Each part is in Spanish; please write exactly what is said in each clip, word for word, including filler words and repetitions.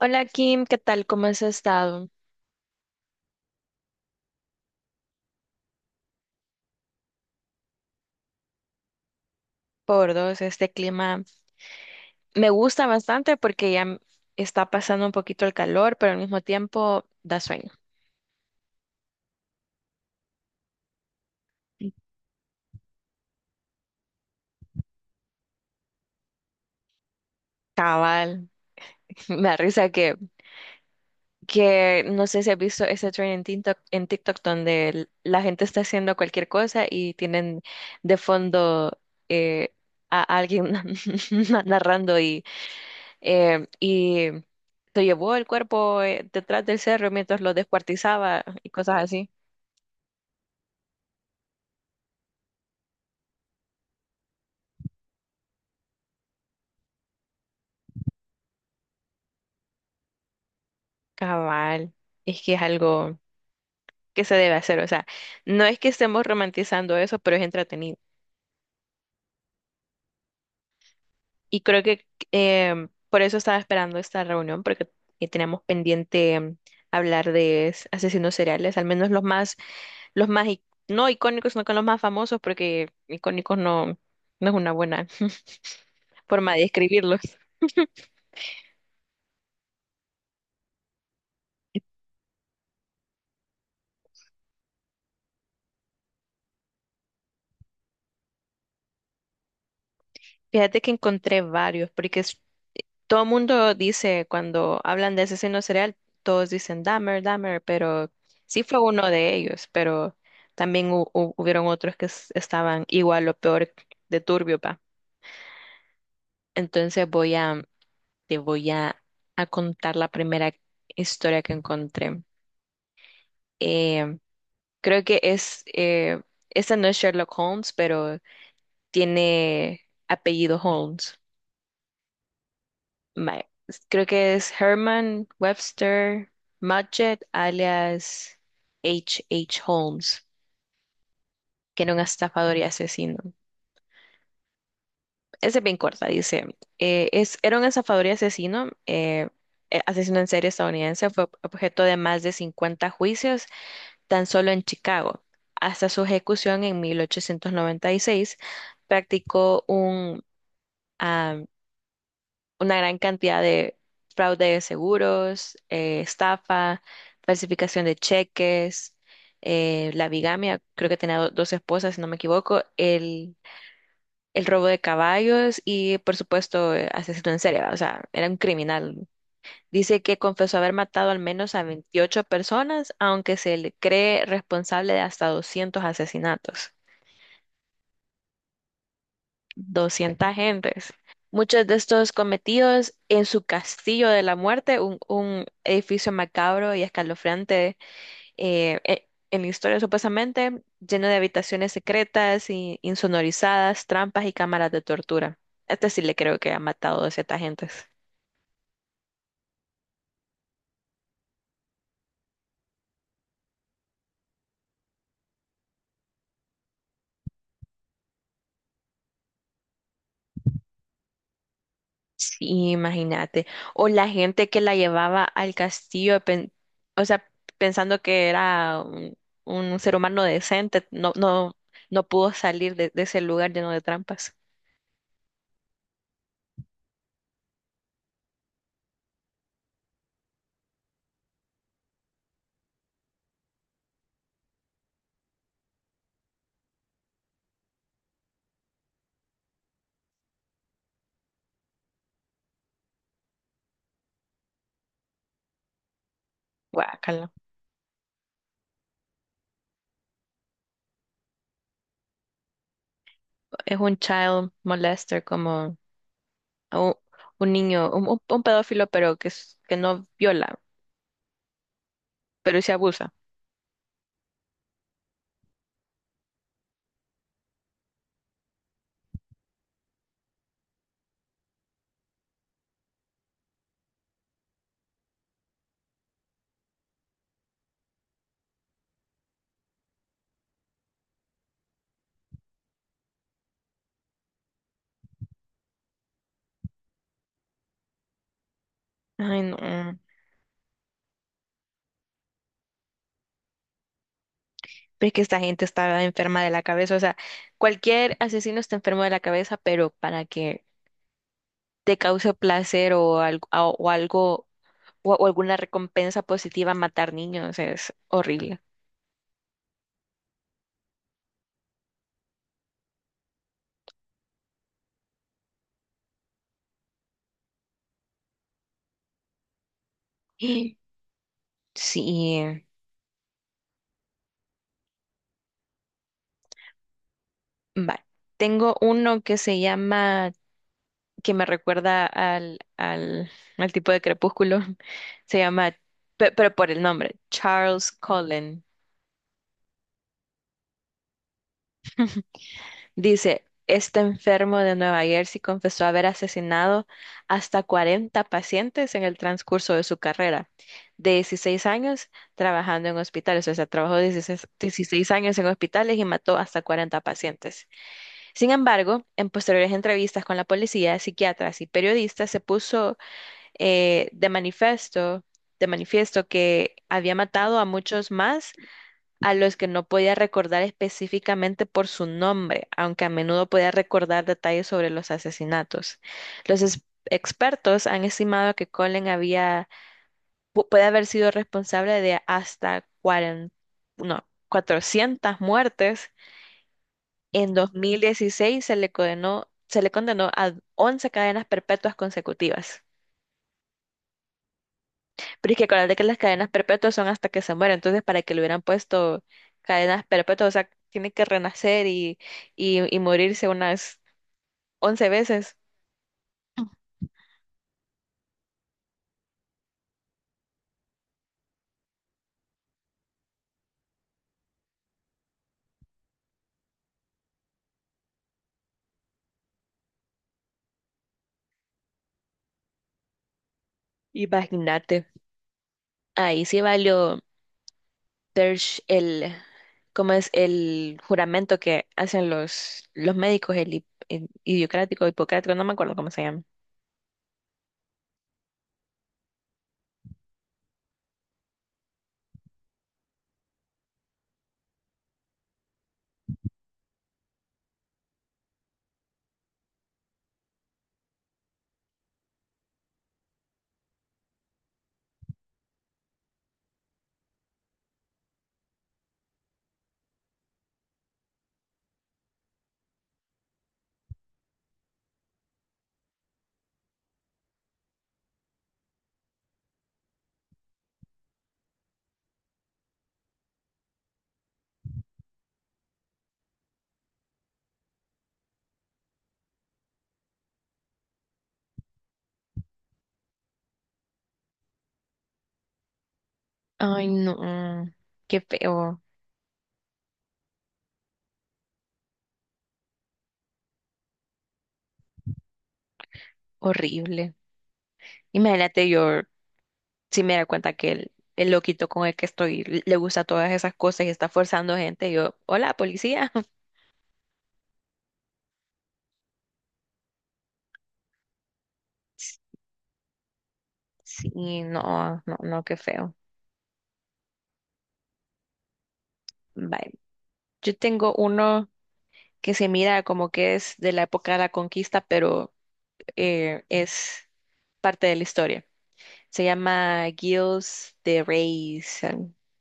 Hola Kim, ¿qué tal? ¿Cómo has estado? Por dos, este clima me gusta bastante porque ya m- está pasando un poquito el calor, pero al mismo tiempo da sueño. Cabal, me da risa que, que no sé si has visto ese trend en TikTok, en TikTok donde l- la gente está haciendo cualquier cosa y tienen de fondo eh, a alguien na- narrando y, eh, y se llevó el cuerpo eh, detrás del cerro mientras lo descuartizaba y cosas así. Cabal, es que es algo que se debe hacer, o sea, no es que estemos romantizando eso, pero es entretenido. Y creo que em, por eso estaba esperando esta reunión, porque eh, tenemos pendiente em, hablar de s- asesinos seriales, al menos los más, los más, ic- no icónicos, no con los más famosos, porque icónicos no, no es una buena forma de describirlos. Fíjate que encontré varios, porque es- Todo el mundo dice, cuando hablan de asesino serial, todos dicen Dahmer, Dahmer, pero sí fue uno de ellos, pero también hu- hu- hubieron otros que es- estaban igual o peor de turbio, pa. Entonces voy a, te voy a, a contar la primera historia que encontré. Eh, Creo que es, eh, esta no es Sherlock Holmes, pero tiene apellido Holmes. Vale, creo que es Herman Webster Mudgett, alias H H. Holmes, que era un estafador y asesino. Esa es bien corta, dice. eh, es, era un estafador y asesino, eh, eh, asesino en serie estadounidense, fue objeto de más de cincuenta juicios tan solo en Chicago. Hasta su ejecución en mil ochocientos noventa y seis practicó un una gran cantidad de fraude de seguros, eh, estafa, falsificación de cheques, eh, la bigamia, creo que tenía do- dos esposas, si no me equivoco, el, el robo de caballos y, por supuesto, eh, asesino en serie, ¿va? O sea, era un criminal. Dice que confesó haber matado al menos a veintiocho personas, aunque se le cree responsable de hasta doscientos asesinatos. Doscientas gentes. Muchos de estos cometidos en su castillo de la muerte, un, un edificio macabro y escalofriante, eh, e- en la historia supuestamente, lleno de habitaciones secretas y insonorizadas, trampas y cámaras de tortura. Este sí le creo que ha matado a ciertas gentes. Sí, imagínate. O la gente que la llevaba al castillo, pen- o sea, pensando que era un, un ser humano decente, no, no, no pudo salir de, de ese lugar lleno de trampas. Guácala. Es un child molester, como un, un niño, un, un- un pedófilo, pero que, es- que no viola, pero se abusa. Ay, no. Pero es que esta gente está enferma de la cabeza. O sea, cualquier asesino está enfermo de la cabeza, pero para que te causa placer o, al- a- o algo o, o alguna recompensa positiva matar niños. Es horrible. Sí, vale. Tengo uno que se llama, que me recuerda al, al, al tipo de crepúsculo. Se llama, pe- pero por el nombre, Charles Cullen. Dice, este enfermo de Nueva Jersey confesó haber asesinado hasta cuarenta pacientes en el transcurso de su carrera, de dieciséis años trabajando en hospitales, o sea, trabajó dieciséis, dieciséis años en hospitales y mató hasta cuarenta pacientes. Sin embargo, en posteriores entrevistas con la policía, psiquiatras y periodistas, se puso eh, de manifiesto, de manifiesto que había matado a muchos más a los que no podía recordar específicamente por su nombre, aunque a menudo podía recordar detalles sobre los asesinatos. Los es- expertos han estimado que Colin había, pu- puede haber sido responsable de hasta cuarenta, no, cuatrocientos muertes. En dos mil dieciséis se le condenó, se le condenó a once cadenas perpetuas consecutivas. Pero es que acuérdate que las cadenas perpetuas son hasta que se muere, entonces para que le hubieran puesto cadenas perpetuas, o sea, tiene que renacer y, y, y morirse unas once veces. Imagínate, ahí sí valió Dersh el, ¿cómo es? El juramento que hacen los, los médicos, el, hip- el idiocrático, hipocrático, no me acuerdo cómo se llama. Ay, no, qué feo, horrible. Imagínate yo. Si me da cuenta que el, el loquito con el que estoy l- le gusta todas esas cosas y está forzando gente, yo, hola, policía. Sí, no, no, no, qué feo. Bye. Yo tengo uno que se mira como que es de la época de la conquista, pero eh, es parte de la historia. Se llama Gilles de Reyes.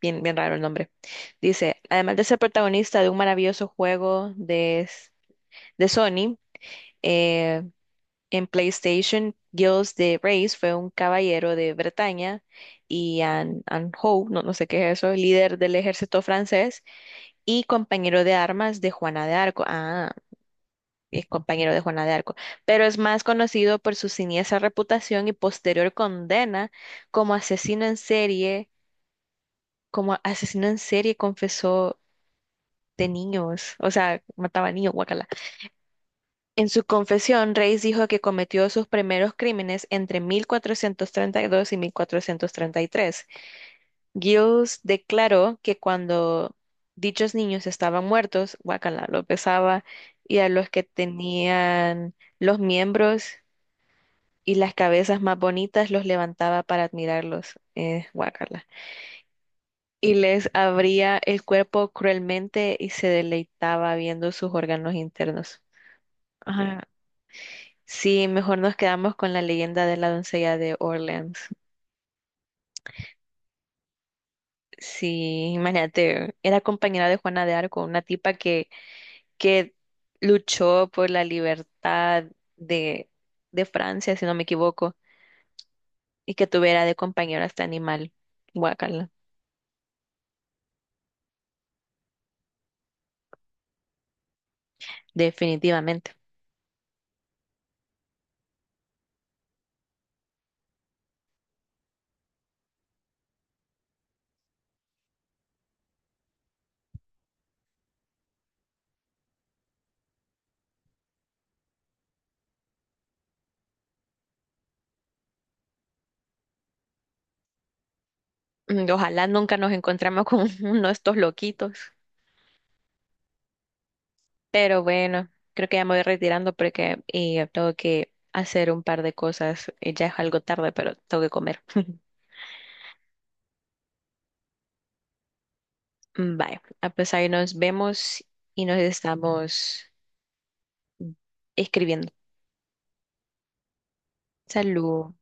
Bien, bien raro el nombre. Dice, además de ser protagonista de un maravilloso juego de, de Sony, eh, En PlayStation, Giles de Reyes fue un caballero de Bretaña y Anne, Anne Howe, no, no sé qué es eso, líder del ejército francés y compañero de armas de Juana de Arco. Ah, es compañero de Juana de Arco, pero es más conocido por su siniestra reputación y posterior condena como asesino en serie, como asesino en serie confesó de niños, o sea, mataba niños, guacala. En su confesión, Reis dijo que cometió sus primeros crímenes entre mil cuatrocientos treinta y dos y mil cuatrocientos treinta y tres. Giles declaró que cuando dichos niños estaban muertos, Guacala lo pesaba, y a los que tenían los miembros y las cabezas más bonitas los levantaba para admirarlos, eh, guácala. Y les abría el cuerpo cruelmente y se deleitaba viendo sus órganos internos. Ajá. Sí, mejor nos quedamos con la leyenda de la doncella de Orleans. Sí, imagínate, era compañera de Juana de Arco, una tipa que, que luchó por la libertad de, de Francia, si no me equivoco, y que tuviera de compañero a este animal. Guacala, definitivamente. Mm, Ojalá nunca nos encontremos con uno de estos loquitos. Pero bueno, creo que ya me voy retirando porque y tengo que hacer un par de cosas. Eh, Ya es algo tarde, pero tengo que comer. Vale, ah, pues ahí nos vemos y nos estamos escribiendo. Salud.